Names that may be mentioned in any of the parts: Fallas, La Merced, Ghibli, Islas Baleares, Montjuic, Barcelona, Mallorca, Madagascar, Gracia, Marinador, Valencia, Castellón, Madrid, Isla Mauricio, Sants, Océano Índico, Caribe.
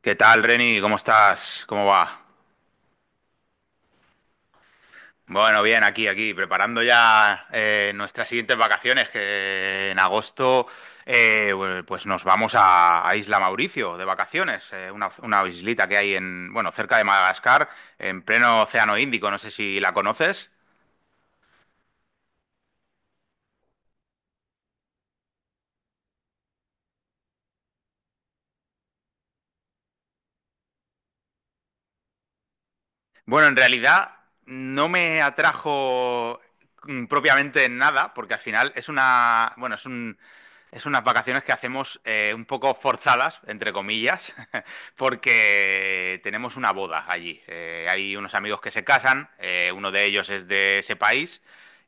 ¿Qué tal, Reni? ¿Cómo estás? ¿Cómo va? Bueno, bien, aquí, preparando ya nuestras siguientes vacaciones, que en agosto bueno, pues nos vamos a Isla Mauricio de vacaciones, una islita que hay en, bueno, cerca de Madagascar, en pleno Océano Índico, no sé si la conoces. Bueno, en realidad no me atrajo propiamente en nada, porque al final es unas vacaciones que hacemos un poco forzadas, entre comillas, porque tenemos una boda allí. Hay unos amigos que se casan, uno de ellos es de ese país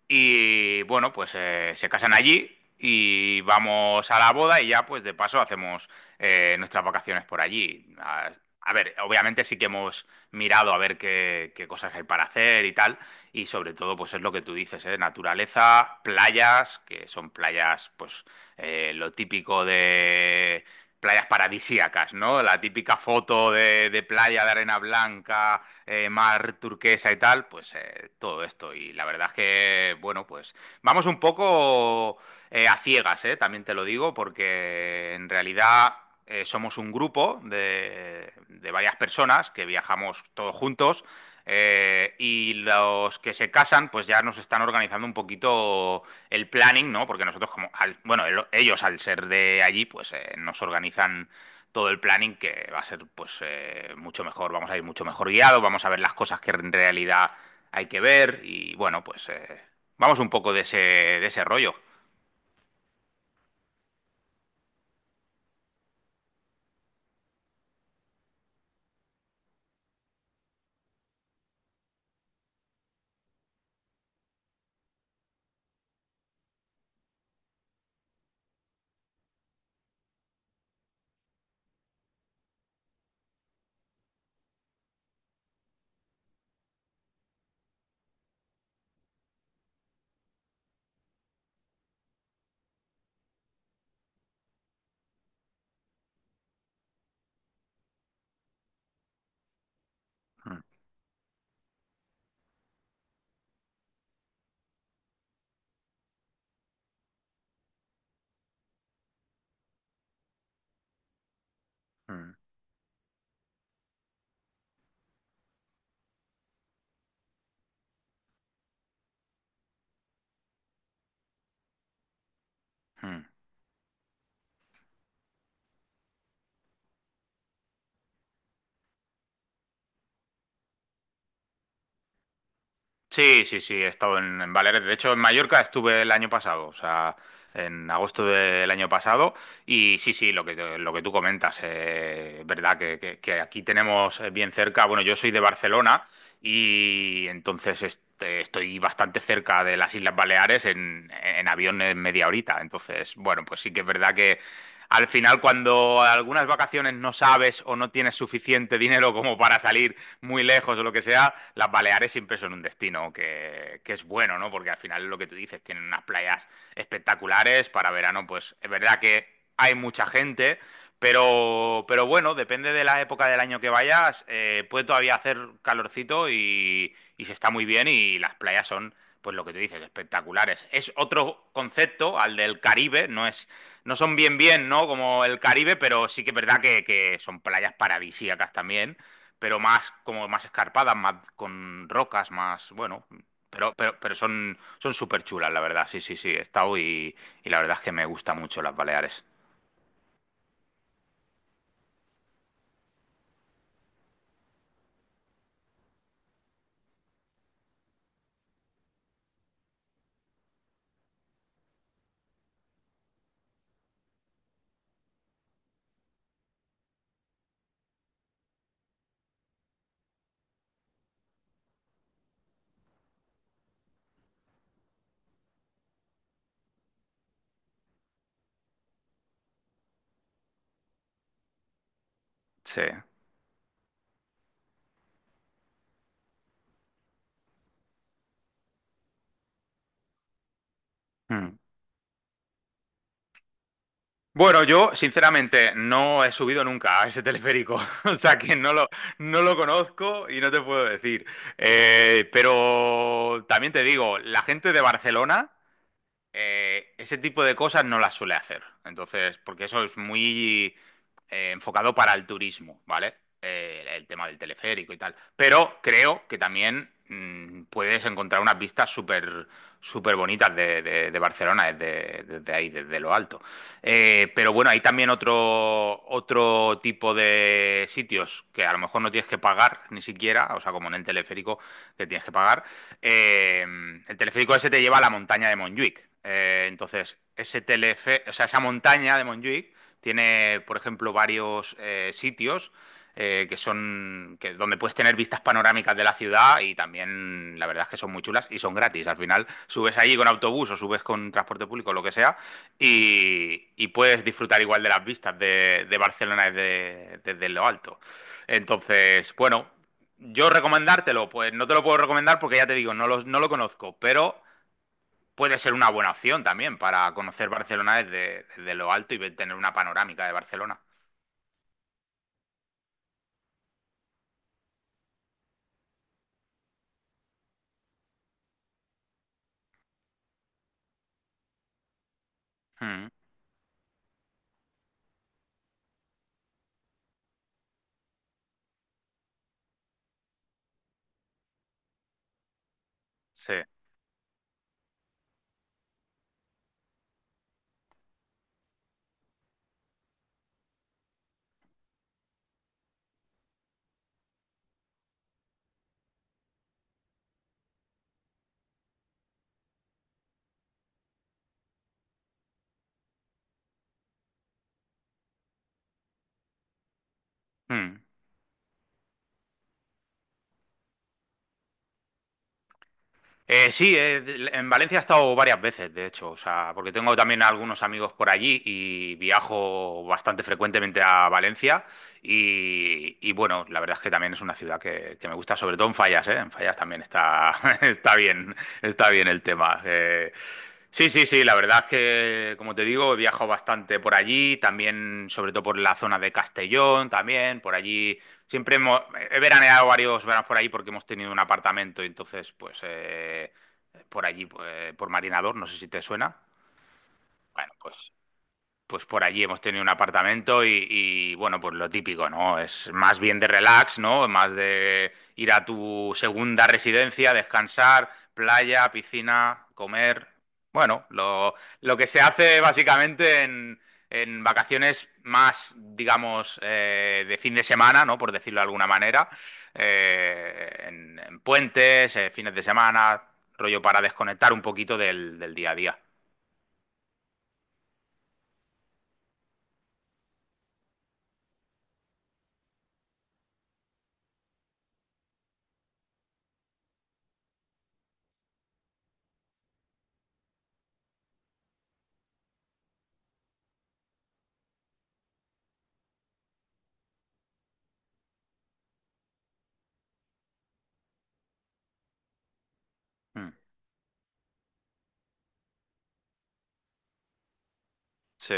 y bueno, pues se casan allí y vamos a la boda y ya pues de paso hacemos nuestras vacaciones por allí. A a ver, obviamente sí que hemos mirado a ver qué cosas hay para hacer y tal. Y sobre todo pues es lo que tú dices, ¿eh? Naturaleza, playas, que son playas pues lo típico de playas paradisíacas, ¿no? La típica foto de playa de arena blanca, mar turquesa y tal, pues todo esto. Y la verdad es que, bueno, pues vamos un poco a ciegas, también te lo digo, porque en realidad somos un grupo de varias personas que viajamos todos juntos. Y los que se casan, pues ya nos están organizando un poquito el planning, ¿no? Porque nosotros como, ellos al ser de allí, pues nos organizan todo el planning que va a ser pues mucho mejor, vamos a ir mucho mejor guiado, vamos a ver las cosas que en realidad hay que ver y bueno, pues vamos un poco de de ese rollo. Mm, mm, mm. Sí, sí, sí, he estado en Baleares. De hecho, en Mallorca estuve el año pasado, o sea, en agosto del año pasado. Y sí, sí, lo lo que tú comentas, verdad que, que aquí tenemos bien cerca. Bueno, yo soy de Barcelona y entonces estoy bastante cerca de las Islas Baleares en avión en media horita. Entonces, bueno, pues sí que es verdad que al final, cuando algunas vacaciones no sabes o no tienes suficiente dinero como para salir muy lejos o lo que sea, las Baleares siempre son un destino que es bueno, ¿no? Porque al final es lo que tú dices, tienen unas playas espectaculares para verano, pues es verdad que hay mucha gente, pero bueno, depende de la época del año que vayas, puede todavía hacer calorcito y se está muy bien y las playas son, pues lo que tú dices, espectaculares. Es otro concepto al del Caribe, no son bien bien, ¿no? Como el Caribe, pero sí que es verdad que son playas paradisíacas también, pero más, como más escarpadas, más con rocas, más, bueno, pero son, son súper chulas, la verdad. Sí, sí, sí, he estado y la verdad es que me gustan mucho las Baleares. Sí. Mm. Bueno, yo sinceramente no he subido nunca a ese teleférico, o sea que no lo conozco y no te puedo decir. Pero también te digo, la gente de Barcelona ese tipo de cosas no las suele hacer. Entonces, porque eso es muy enfocado para el turismo, ¿vale? El tema del teleférico y tal. Pero creo que también puedes encontrar unas vistas súper súper bonitas de, de Barcelona desde, desde ahí, desde lo alto. Pero bueno, hay también otro, otro tipo de sitios que a lo mejor no tienes que pagar ni siquiera, o sea, como en el teleférico que tienes que pagar, eh, el teleférico ese te lleva a la montaña de Montjuic. Entonces, ese telefe o sea, esa montaña de Montjuic tiene, por ejemplo, varios sitios que donde puedes tener vistas panorámicas de la ciudad y también la verdad es que son muy chulas y son gratis. Al final subes allí con autobús o subes con transporte público, lo que sea, y puedes disfrutar igual de las vistas de Barcelona desde, desde lo alto. Entonces, bueno, yo recomendártelo, pues no te lo puedo recomendar porque ya te digo, no lo conozco, pero puede ser una buena opción también para conocer Barcelona desde, desde lo alto y tener una panorámica de Barcelona. Mm, sí. Mm. Sí, en Valencia he estado varias veces, de hecho, o sea, porque tengo también algunos amigos por allí y viajo bastante frecuentemente a Valencia y, bueno, la verdad es que también es una ciudad que me gusta, sobre todo en Fallas, ¿eh? En Fallas también está, está bien, está bien el tema. Sí, sí, sí, la verdad es que, como te digo, he viajado bastante por allí, también, sobre todo por la zona de Castellón, también, por allí. Siempre hemos, he veraneado varios veranos por ahí porque hemos tenido un apartamento, y entonces, pues, por allí, pues, por Marinador, no sé si te suena. Bueno, pues por allí hemos tenido un apartamento y, bueno, pues lo típico, ¿no? Es más bien de relax, ¿no? Más de ir a tu segunda residencia, descansar, playa, piscina, comer. Bueno, lo que se hace básicamente en vacaciones más, digamos, de fin de semana, ¿no? Por decirlo de alguna manera. En puentes, fines de semana, rollo para desconectar un poquito del, del día a día. Mm, sí.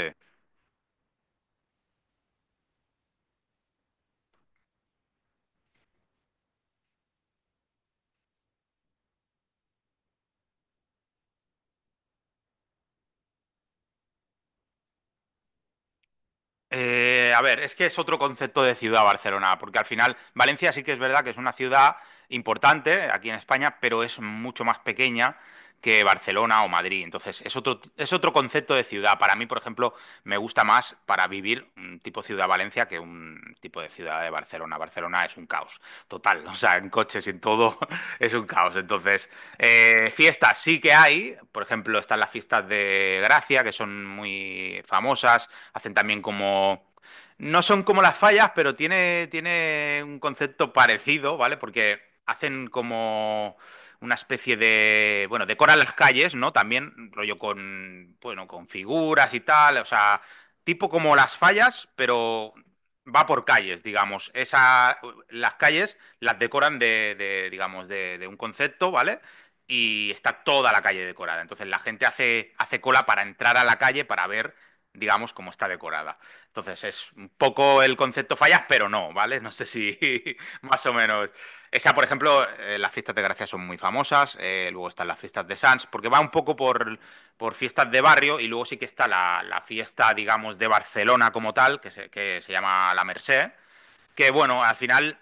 A ver, es que es otro concepto de ciudad Barcelona, porque al final Valencia sí que es verdad que es una ciudad importante aquí en España, pero es mucho más pequeña que Barcelona o Madrid. Entonces, es otro concepto de ciudad. Para mí, por ejemplo, me gusta más para vivir un tipo ciudad Valencia que un tipo de ciudad de Barcelona. Barcelona es un caos total, o sea, en coches y en todo es un caos. Entonces, fiestas sí que hay, por ejemplo, están las fiestas de Gracia, que son muy famosas, hacen también como... No son como las fallas, pero tiene, tiene un concepto parecido, ¿vale? Porque hacen como una especie de... Bueno, decoran las calles, ¿no? También rollo con, bueno, con figuras y tal, o sea, tipo como las fallas, pero va por calles, digamos. Esa, las calles las decoran de, digamos, de un concepto, ¿vale? Y está toda la calle decorada. Entonces la gente hace, hace cola para entrar a la calle para ver, digamos, cómo está decorada. Entonces es un poco el concepto fallas, pero no, ¿vale? No sé si más o menos. Esa, por ejemplo, las fiestas de Gracia son muy famosas, luego están las fiestas de Sants, porque va un poco por fiestas de barrio y luego sí que está la, la fiesta, digamos, de Barcelona como tal, que se llama La Merced, que bueno, al final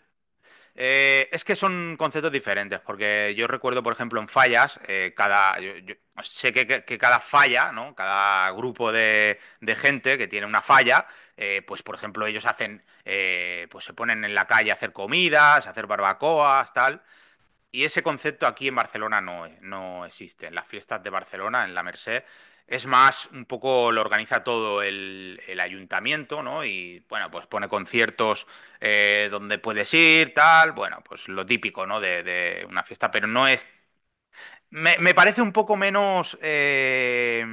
es que son conceptos diferentes, porque yo recuerdo, por ejemplo, en fallas, yo sé que, que cada falla, ¿no? Cada grupo de gente que tiene una falla, pues, por ejemplo, ellos hacen, pues se ponen en la calle a hacer comidas, a hacer barbacoas, tal. Y ese concepto aquí en Barcelona no, no existe. En las fiestas de Barcelona, en la Merced, es más, un poco lo organiza todo el ayuntamiento, ¿no? Y bueno, pues pone conciertos donde puedes ir, tal, bueno, pues lo típico, ¿no? De una fiesta, pero no es, me parece un poco menos,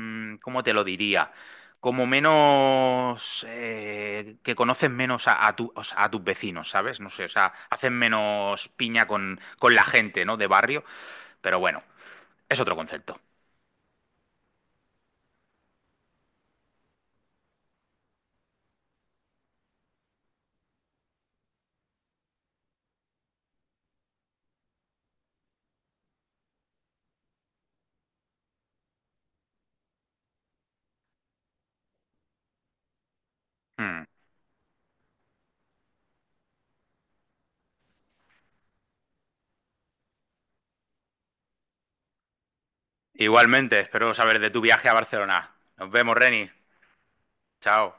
¿cómo te lo diría? Como menos, que conoces menos a o sea, a tus vecinos, ¿sabes? No sé, o sea, hacen menos piña con la gente, ¿no? De barrio, pero bueno, es otro concepto. Mm. Igualmente, espero saber de tu viaje a Barcelona. Nos vemos, Reni. Chao.